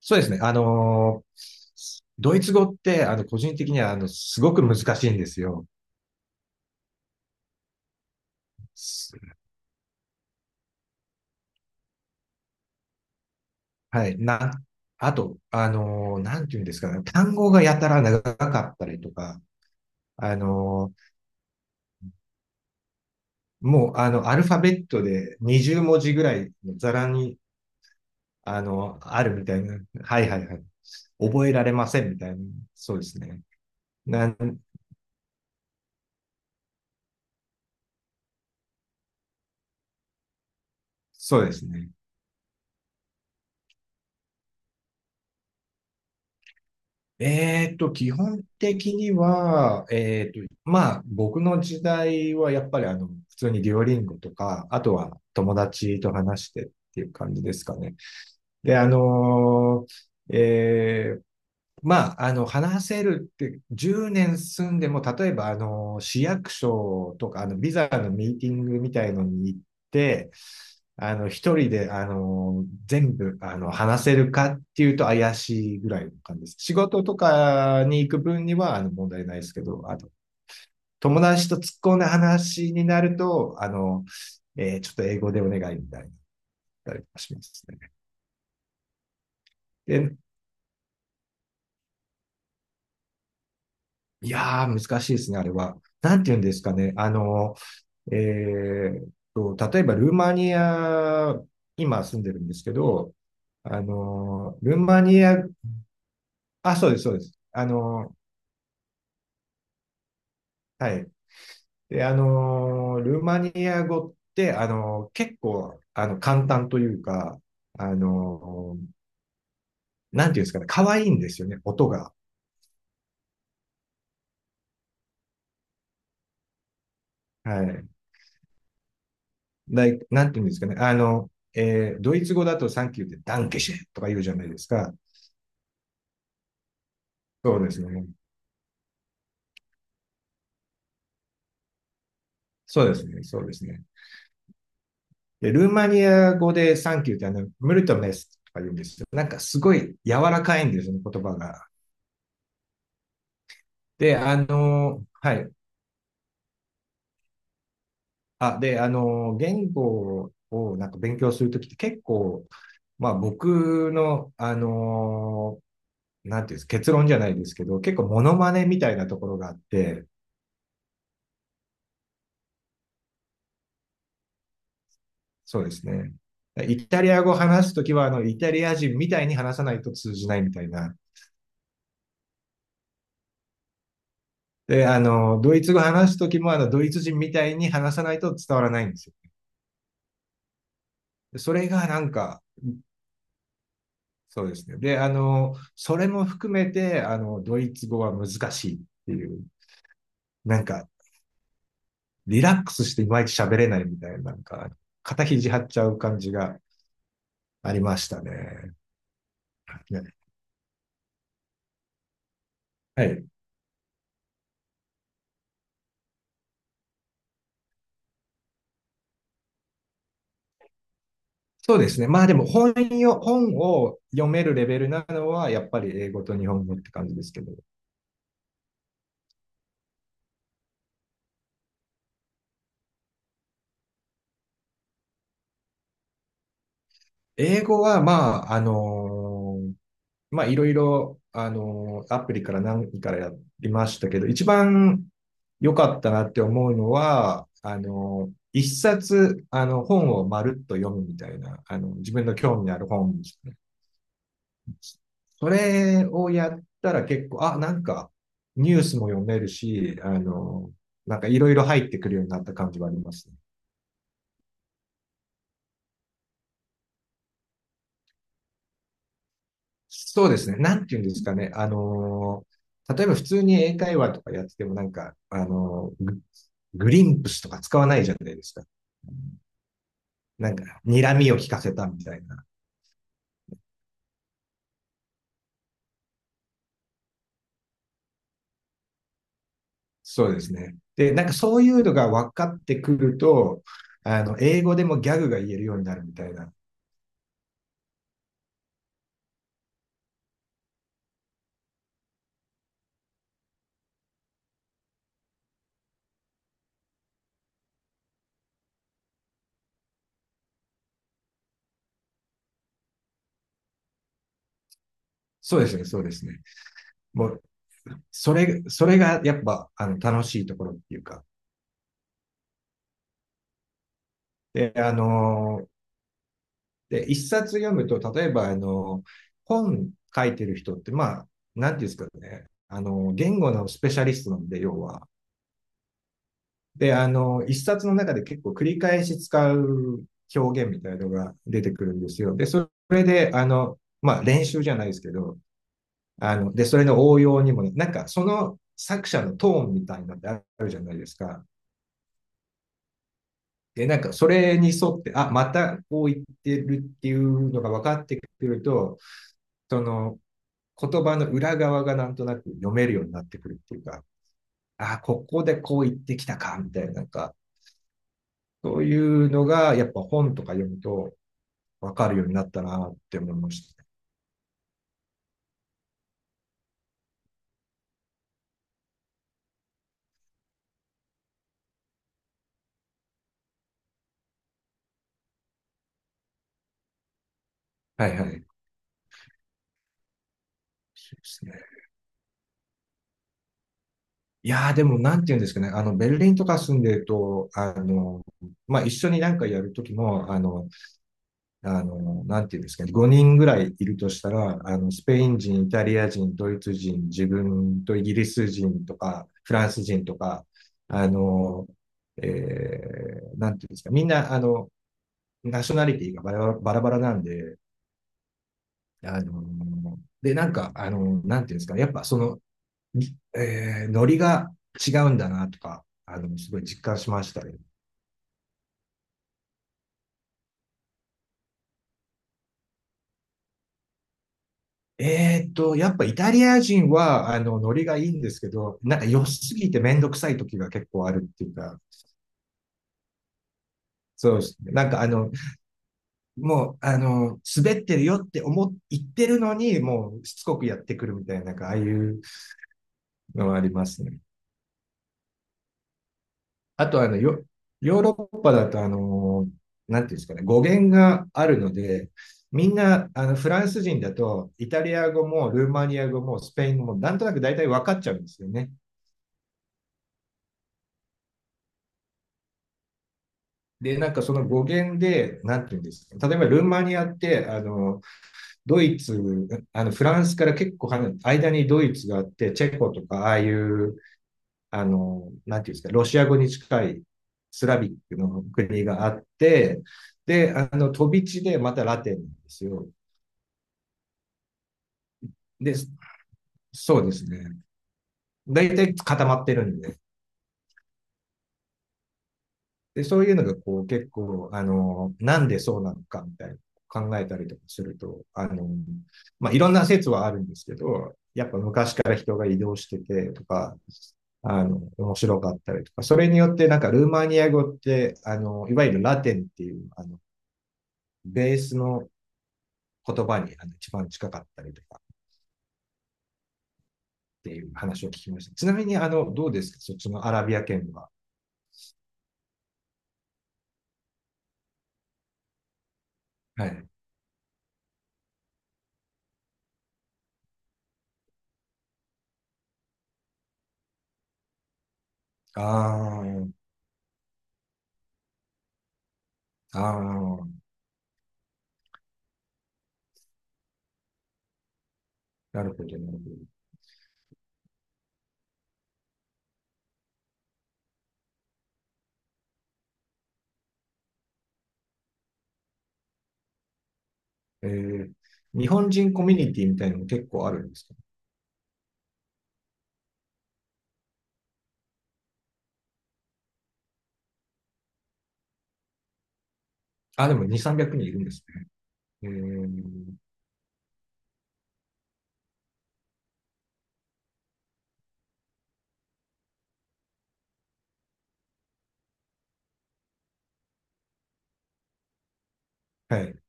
そうですね。ドイツ語って、個人的には、すごく難しいんですよ。すはい。な、あと、なんていうんですかね。単語がやたら長かったりとか、あのーもう、アルファベットで20文字ぐらいのざらに、あるみたいな。はいはいはい。覚えられませんみたいな。そうですね。なん、そうですね。基本的には、まあ、僕の時代はやっぱり普通にデュオリンゴとか、あとは友達と話してっていう感じですかね。で、ーえーまあ、話せるって、10年住んでも、例えば、市役所とか、ビザのミーティングみたいのに行って、一人で、全部、話せるかっていうと怪しいぐらいの感じです。仕事とかに行く分には、問題ないですけど、あと、友達と突っ込んだ話になると、ちょっと英語でお願いみたいになったりかしますね。で、いやー、難しいですね、あれは。なんて言うんですかね。えーっ例えばルーマニア、今住んでるんですけど、ルーマニア、あ、そうです、そうです。はい。で、ルーマニア語って、結構、簡単というか、あの、なんていうんですかね、可愛いんですよね、音が。はい。でなんていうんですかね、ドイツ語だとサンキューってダンケシェとか言うじゃないですか。そうですね。そうですね。そうですね。で、ルーマニア語でサンキューってムルトメスとか言うんですよ。なんかすごい柔らかいんですよね、言葉が。で、はい。あ、で、言語をなんか勉強するときって結構、まあ僕の、なんていうんです、結論じゃないですけど、結構モノマネみたいなところがあって、そうですね。イタリア語話すときは、イタリア人みたいに話さないと通じないみたいな、で、ドイツ語話すときも、ドイツ人みたいに話さないと伝わらないんですよ。でそれがなんか、そうですね。で、それも含めて、ドイツ語は難しいっていう、なんか、リラックスしていまいち喋れないみたいな、なんか、肩肘張っちゃう感じがありましたね。ねはい。そうですね。まあでも本を読めるレベルなのは、やっぱり英語と日本語って感じですけど、英語は、まあ、まあ、いろいろ、アプリから何からやりましたけど、一番良かったなって思うのは、一冊、本をまるっと読むみたいな、自分の興味ある本。それをやったら結構、あ、なんか、ニュースも読めるし、なんかいろいろ入ってくるようになった感じはありますね。そうですね。なんていうんですかね。例えば普通に英会話とかやっててもなんか、グリンプスとか使わないじゃないですか。なんか、睨みを聞かせたみたいな。そうですね。で、なんかそういうのが分かってくると、英語でもギャグが言えるようになるみたいな。そうですね、そうですね。もう、それがやっぱ、楽しいところっていうか。で、ーで、一冊読むと、例えば、本書いてる人って、まあ、なんていうんですかね、言語のスペシャリストなんで、要は。で、一冊の中で結構繰り返し使う表現みたいなのが出てくるんですよ。で、それで、まあ、練習じゃないですけど、で、それの応用にも、ね、なんか、その作者のトーンみたいなのってあるじゃないですか。で、なんか、それに沿って、あ、またこう言ってるっていうのが分かってくると、その、言葉の裏側がなんとなく読めるようになってくるっていうか、ああ、ここでこう言ってきたか、みたいな、なんか、そういうのが、やっぱ本とか読むと分かるようになったなって思いましたねはいはい。そうですね。いやーでも、なんて言うんですかね。ベルリンとか住んでると、まあ、一緒になんかやるときも、なんていうんですかね、5人ぐらいいるとしたら、スペイン人、イタリア人、ドイツ人、自分とイギリス人とか、フランス人とか、あの、えなんていうんですか、みんな、ナショナリティがバラバラバラなんで、で、なんか、なんていうんですかね、やっぱその、ノリが違うんだなとか、すごい実感しましたね。やっぱイタリア人は、ノリがいいんですけど、なんか良すぎてめんどくさい時が結構あるっていうか、そうですね。なんかあの、もう、滑ってるよって思っ、言ってるのに、もうしつこくやってくるみたいな、なんかああいうのはありますね。あと、ヨーロッパだと、なんていうんですかね、語源があるので、みんな、フランス人だと、イタリア語もルーマニア語もスペイン語も、なんとなく大体分かっちゃうんですよね。で、なんかその語源で、なんていうんですか、例えばルーマニアって、あの、ドイツ、あの、フランスから結構離れ間にドイツがあって、チェコとか、ああいう、なんていうんですか、ロシア語に近いスラビックの国があって、で、飛び地でまたラテンなんですよ。で、そうですね。大体固まってるんで。で、そういうのがこう結構、なんでそうなのかみたいな考えたりとかすると、まあ、いろんな説はあるんですけど、やっぱ昔から人が移動しててとか、面白かったりとか、それによってなんかルーマニア語って、いわゆるラテンっていう、ベースの言葉にあの一番近かったりとかっていう話を聞きました。ちなみに、どうですかそっちのアラビア圏は。はい。ああ、ああ、なるほど、なるほど。えー、日本人コミュニティみたいなのも結構あるんですか？あ、でも2、300人いるんですね。えー、はい。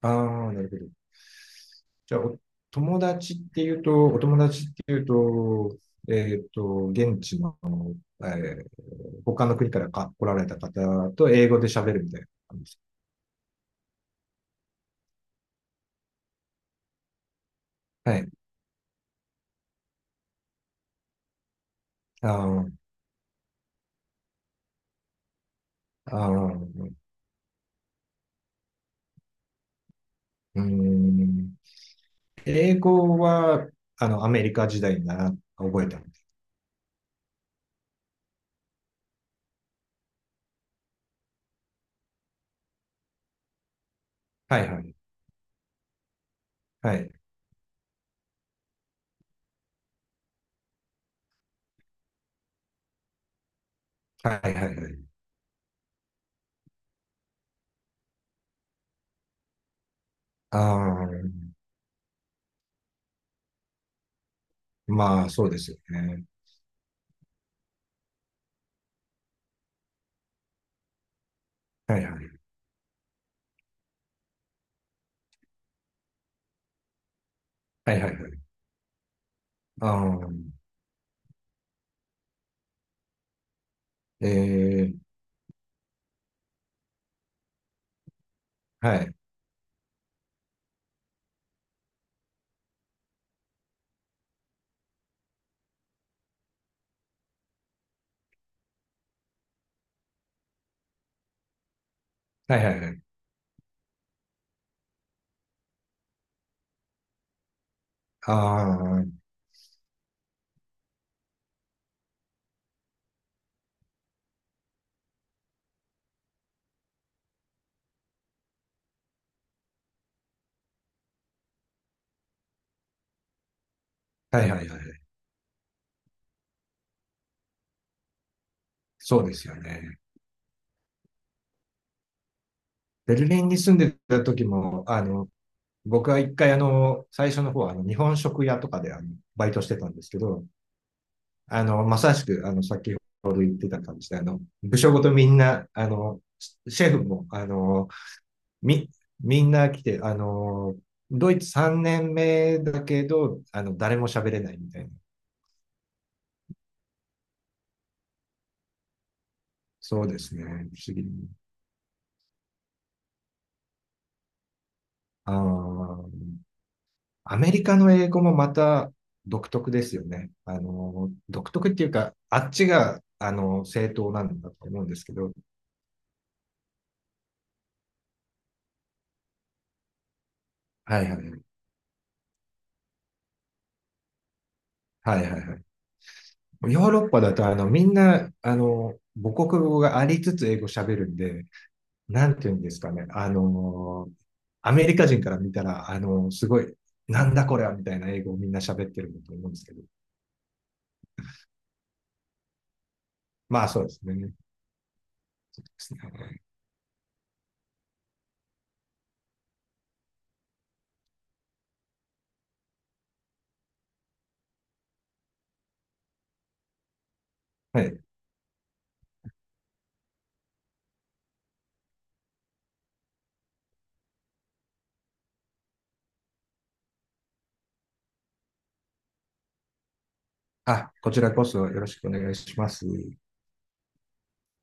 ああ、なるほど。じゃあ、お友達っていうと、えっと、現地の、えー他の国からか来られた方と英語で喋るみたいな感じですか？はい。あーあー、うーん。英語は、アメリカ時代に覚えたんで。はいはい。はい。はいはいはい。ああ、まあ、そうですよね。はいはい。はいはいはい。ああ、ええ、はい。はいはいはい。ああ、はいはいはいはい。そうですよね。ベルリンに住んでた時も、僕は一回最初の方は日本食屋とかでバイトしてたんですけど、まさしく先ほど言ってた感じで、部署ごとみんな、シェフも、み、みんな来て、ドイツ3年目だけど、誰も喋れないみたいな。そうですね。不思議。あーアメリカの英語もまた独特ですよね。独特っていうか、あっちが、正当なんだと思うんですけど。はいはいはい。はいはいはい。ヨーロッパだと、みんな、母国語がありつつ英語喋るんで、なんていうんですかね。アメリカ人から見たら、すごい、なんだこれはみたいな英語をみんな喋ってるんだと思うんですけど。まあそうですね。ですねはい。あ、こちらこそよろしくお願いします。